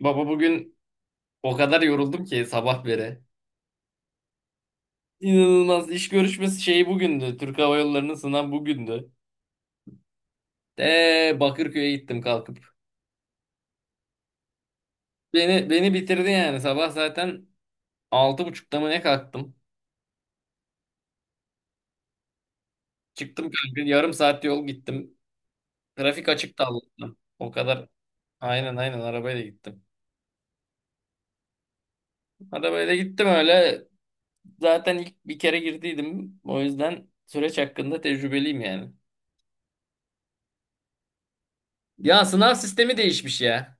Baba bugün o kadar yoruldum ki sabah beri. İnanılmaz iş görüşmesi şeyi bugündü. Türk Hava Yolları'nın sınav bugündü. De Bakırköy'e gittim kalkıp. Beni bitirdi yani sabah zaten 6.30'da mı ne kalktım. Çıktım kanka yarım saat yol gittim. Trafik açıktı Allah'tan. O kadar aynen aynen arabayla gittim. Arabayla gittim öyle. Zaten ilk bir kere girdiydim. O yüzden süreç hakkında tecrübeliyim yani. Ya sınav sistemi değişmiş ya.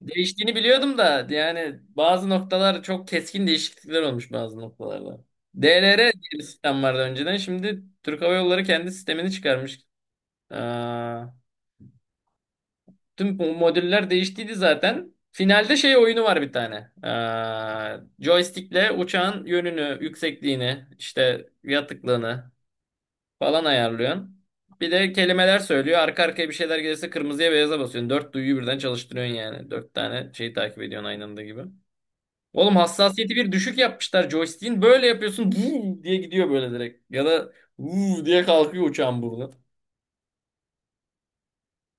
Değiştiğini biliyordum da yani bazı noktalar çok keskin değişiklikler olmuş bazı noktalarda. DLR diye bir sistem vardı önceden. Şimdi Türk Hava Yolları kendi sistemini çıkarmış. Aa, tüm bu modüller değiştiydi zaten. Finalde şey oyunu var bir tane. Aa, joystickle uçağın yönünü, yüksekliğini, işte yatıklığını falan ayarlıyorsun. Bir de kelimeler söylüyor. Arka arkaya bir şeyler gelirse kırmızıya beyaza basıyorsun. Dört duyuyu birden çalıştırıyorsun yani. Dört tane şeyi takip ediyorsun aynı anda gibi. Oğlum hassasiyeti bir düşük yapmışlar joystick'in. Böyle yapıyorsun, "Vuu" diye gidiyor böyle direkt. Ya da "Vuu" diye kalkıyor uçağın burnu.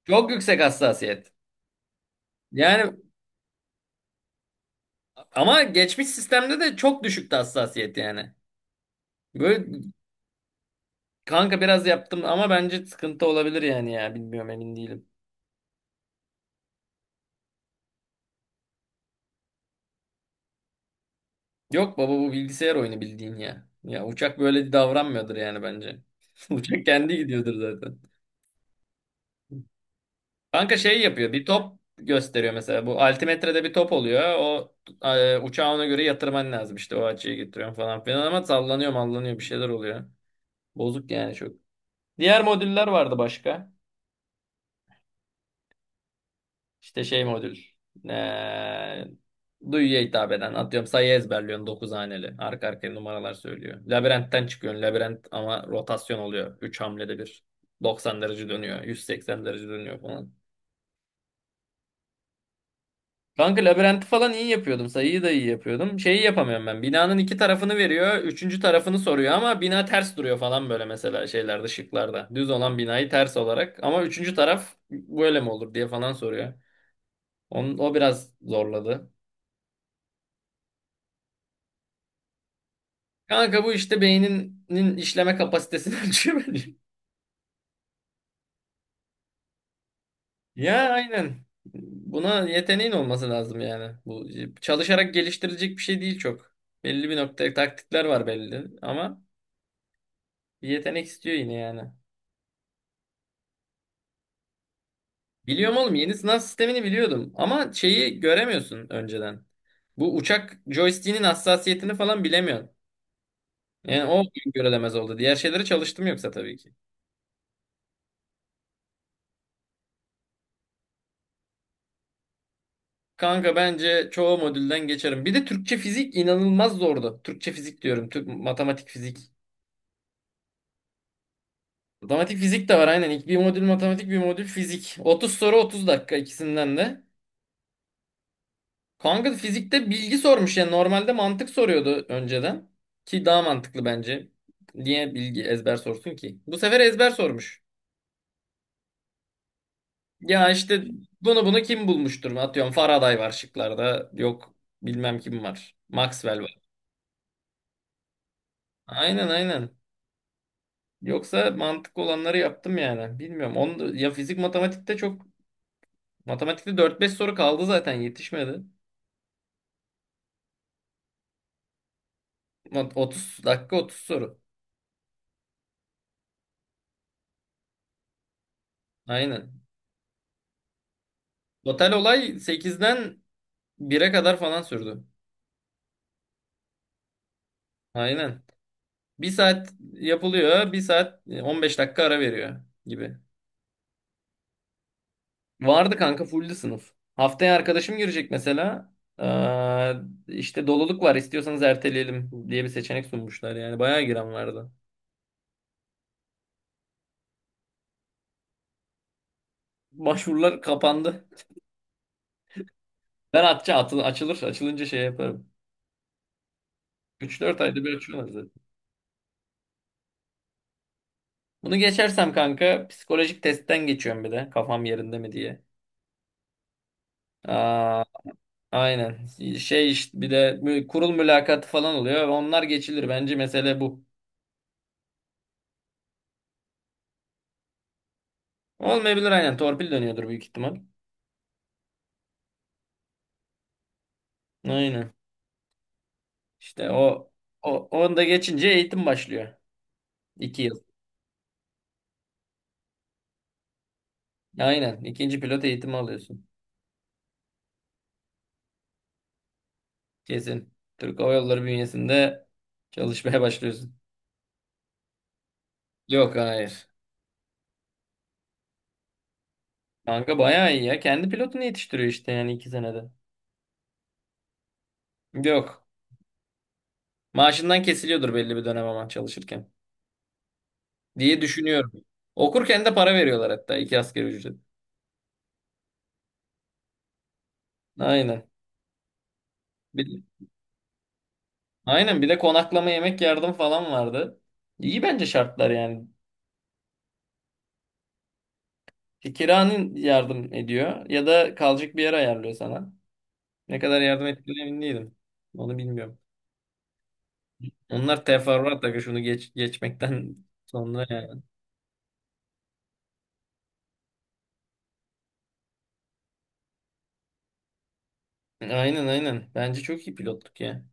Çok yüksek hassasiyet. Yani ama geçmiş sistemde de çok düşüktü hassasiyet yani. Böyle kanka biraz yaptım ama bence sıkıntı olabilir yani ya. Bilmiyorum, emin değilim. Yok baba, bu bilgisayar oyunu bildiğin ya. Ya uçak böyle davranmıyordur yani bence. Uçak kendi gidiyordur zaten. Kanka şey yapıyor. Bir top gösteriyor mesela. Bu altimetrede bir top oluyor. Uçağı ona göre yatırman lazım. İşte o açıyı getiriyorum falan filan ama sallanıyor mallanıyor bir şeyler oluyor. Bozuk yani çok. Diğer modüller vardı başka. İşte şey modül. E, Duyuya hitap eden. Atıyorum sayı ezberliyorsun, 9 haneli. Arka arkaya numaralar söylüyor. Labirentten çıkıyorsun. Labirent ama rotasyon oluyor. 3 hamlede bir 90 derece dönüyor. 180 derece dönüyor falan. Kanka labirenti falan iyi yapıyordum. Sayıyı da iyi yapıyordum. Şeyi yapamıyorum ben. Binanın iki tarafını veriyor. Üçüncü tarafını soruyor ama bina ters duruyor falan böyle mesela şeylerde, şıklarda. Düz olan binayı ters olarak. Ama üçüncü taraf böyle mi olur diye falan soruyor. O biraz zorladı. Kanka bu işte beyninin işleme kapasitesini ölçüyor bence. Ya aynen. Buna yeteneğin olması lazım yani. Bu çalışarak geliştirilecek bir şey değil çok. Belli bir nokta taktikler var belli ama bir yetenek istiyor yine yani. Biliyorum oğlum, yeni sınav sistemini biliyordum ama şeyi göremiyorsun önceden. Bu uçak joystick'inin hassasiyetini falan bilemiyorsun. Yani o görülemez oldu. Diğer şeyleri çalıştım yoksa tabii ki. Kanka bence çoğu modülden geçerim. Bir de Türkçe fizik inanılmaz zordu. Türkçe fizik diyorum. Türk matematik fizik. Matematik fizik de var aynen. İlk bir modül matematik, bir modül fizik. 30 soru 30 dakika ikisinden de. Kanka fizikte bilgi sormuş ya. Normalde mantık soruyordu önceden. Ki daha mantıklı bence. Niye bilgi ezber sorsun ki? Bu sefer ezber sormuş. Ya işte bunu kim bulmuştur mu? Atıyorum Faraday var şıklarda. Yok bilmem kim var. Maxwell var. Aynen aynen. Yoksa mantıklı olanları yaptım yani. Bilmiyorum. Onu ya fizik matematikte çok, matematikte dört beş soru kaldı zaten, yetişmedi. 30 dakika 30 soru. Aynen. Total olay sekizden bire kadar falan sürdü. Aynen. Bir saat yapılıyor. Bir saat 15 dakika ara veriyor gibi. Vardı kanka, fulldü sınıf. Haftaya arkadaşım girecek mesela. Ee, işte doluluk var, istiyorsanız erteleyelim diye bir seçenek sunmuşlar. Yani bayağı giren vardı. Başvurular kapandı. Ben atça atıl açılır. Açılınca şey yaparım. Üç dört ayda bir açıyorlar zaten. Bunu geçersem kanka psikolojik testten geçiyorum bir de. Kafam yerinde mi diye. Ee, Aynen. Şey işte bir de kurul mülakatı falan oluyor. Onlar geçilir. Bence mesele bu. Olmayabilir aynen. Torpil dönüyordur büyük ihtimal. Aynen. İşte o onu da geçince eğitim başlıyor. 2 yıl. Aynen. İkinci pilot eğitimi alıyorsun. Kesin. Türk Hava Yolları bünyesinde çalışmaya başlıyorsun. Yok, hayır. Kanka bayağı iyi ya. Kendi pilotunu yetiştiriyor işte yani 2 senede. Yok. Maaşından kesiliyordur belli bir dönem ama çalışırken. Diye düşünüyorum. Okurken de para veriyorlar hatta, 2 asgari ücret. Aynen. Bir, aynen, bir de konaklama yemek yardım falan vardı. İyi bence şartlar yani. Kiranın yardım ediyor ya da kalacak bir yer ayarlıyor sana. Ne kadar yardım ettiğine emin değilim. Onu bilmiyorum. Onlar teferruat da şunu geçmekten sonra yani. Aynen aynen. Bence çok iyi pilotluk ya.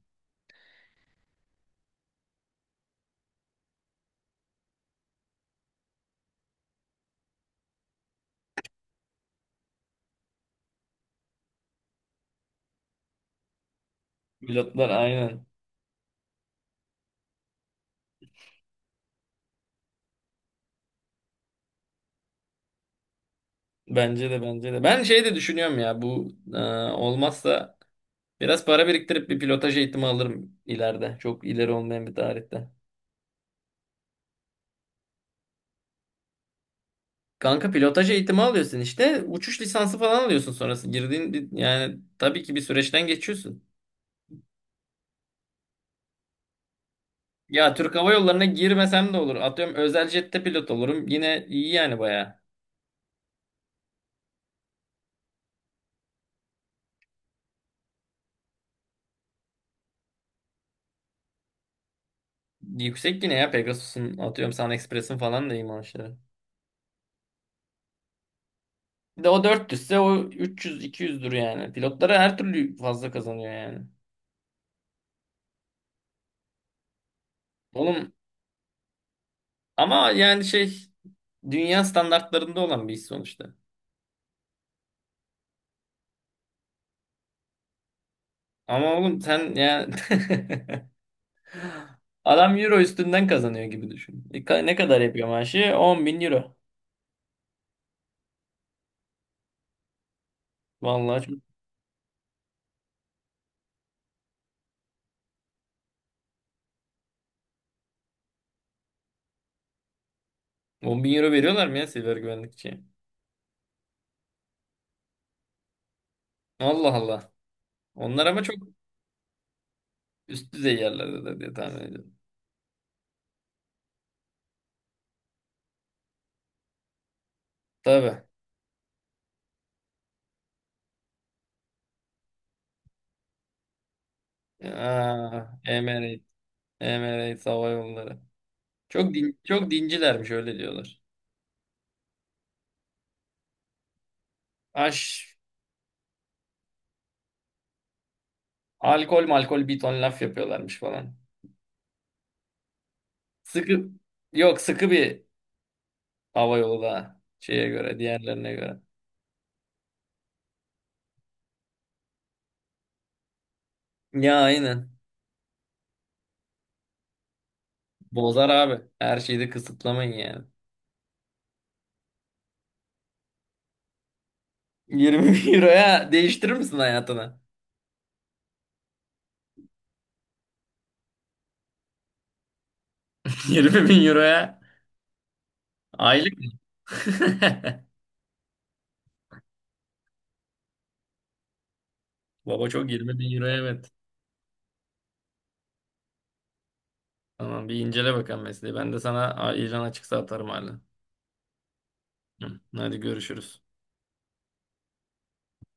Pilotlar aynen. Bence de bence de. Ben şey de düşünüyorum ya, olmazsa biraz para biriktirip bir pilotaj eğitimi alırım ileride. Çok ileri olmayan bir tarihte. Kanka pilotaj eğitimi alıyorsun işte. Uçuş lisansı falan alıyorsun sonrası. Yani tabii ki bir süreçten geçiyorsun. Ya Türk Hava Yolları'na girmesem de olur. Atıyorum özel jette pilot olurum. Yine iyi yani, bayağı. Yüksek yine ya, Pegasus'un atıyorum SunExpress'in falan da iyi maaşları. Bir de o dört ise o 300-200'dür yani. Pilotlara her türlü fazla kazanıyor yani. Oğlum ama yani şey, dünya standartlarında olan bir iş sonuçta. Ama oğlum sen yani adam euro üstünden kazanıyor gibi düşün. Ne kadar yapıyor maaşı? 10.000 euro. Vallahi çok. 10 bin euro veriyorlar mı ya siber güvenlikçiye? Allah Allah. Onlar ama çok üst düzey yerlerde de diye tahmin ediyorum. Tabii. Aa, Emirates. Emirates Hava Yolları. Çok dincilermiş, öyle diyorlar. Aş, Alkol malkol bir ton laf yapıyorlarmış falan. Sıkı, Yok, sıkı bir hava yolu da şeye göre, diğerlerine göre. Ya aynen. Bozar abi. Her şeyi de kısıtlamayın yani. 20 bin euroya değiştirir misin hayatını? 20 bin euroya aylık. Baba çok, 20 bin euroya evet. Tamam, bir incele bakalım mesleği. Ben de sana ilan açıksa atarım hala. Hı, hadi görüşürüz.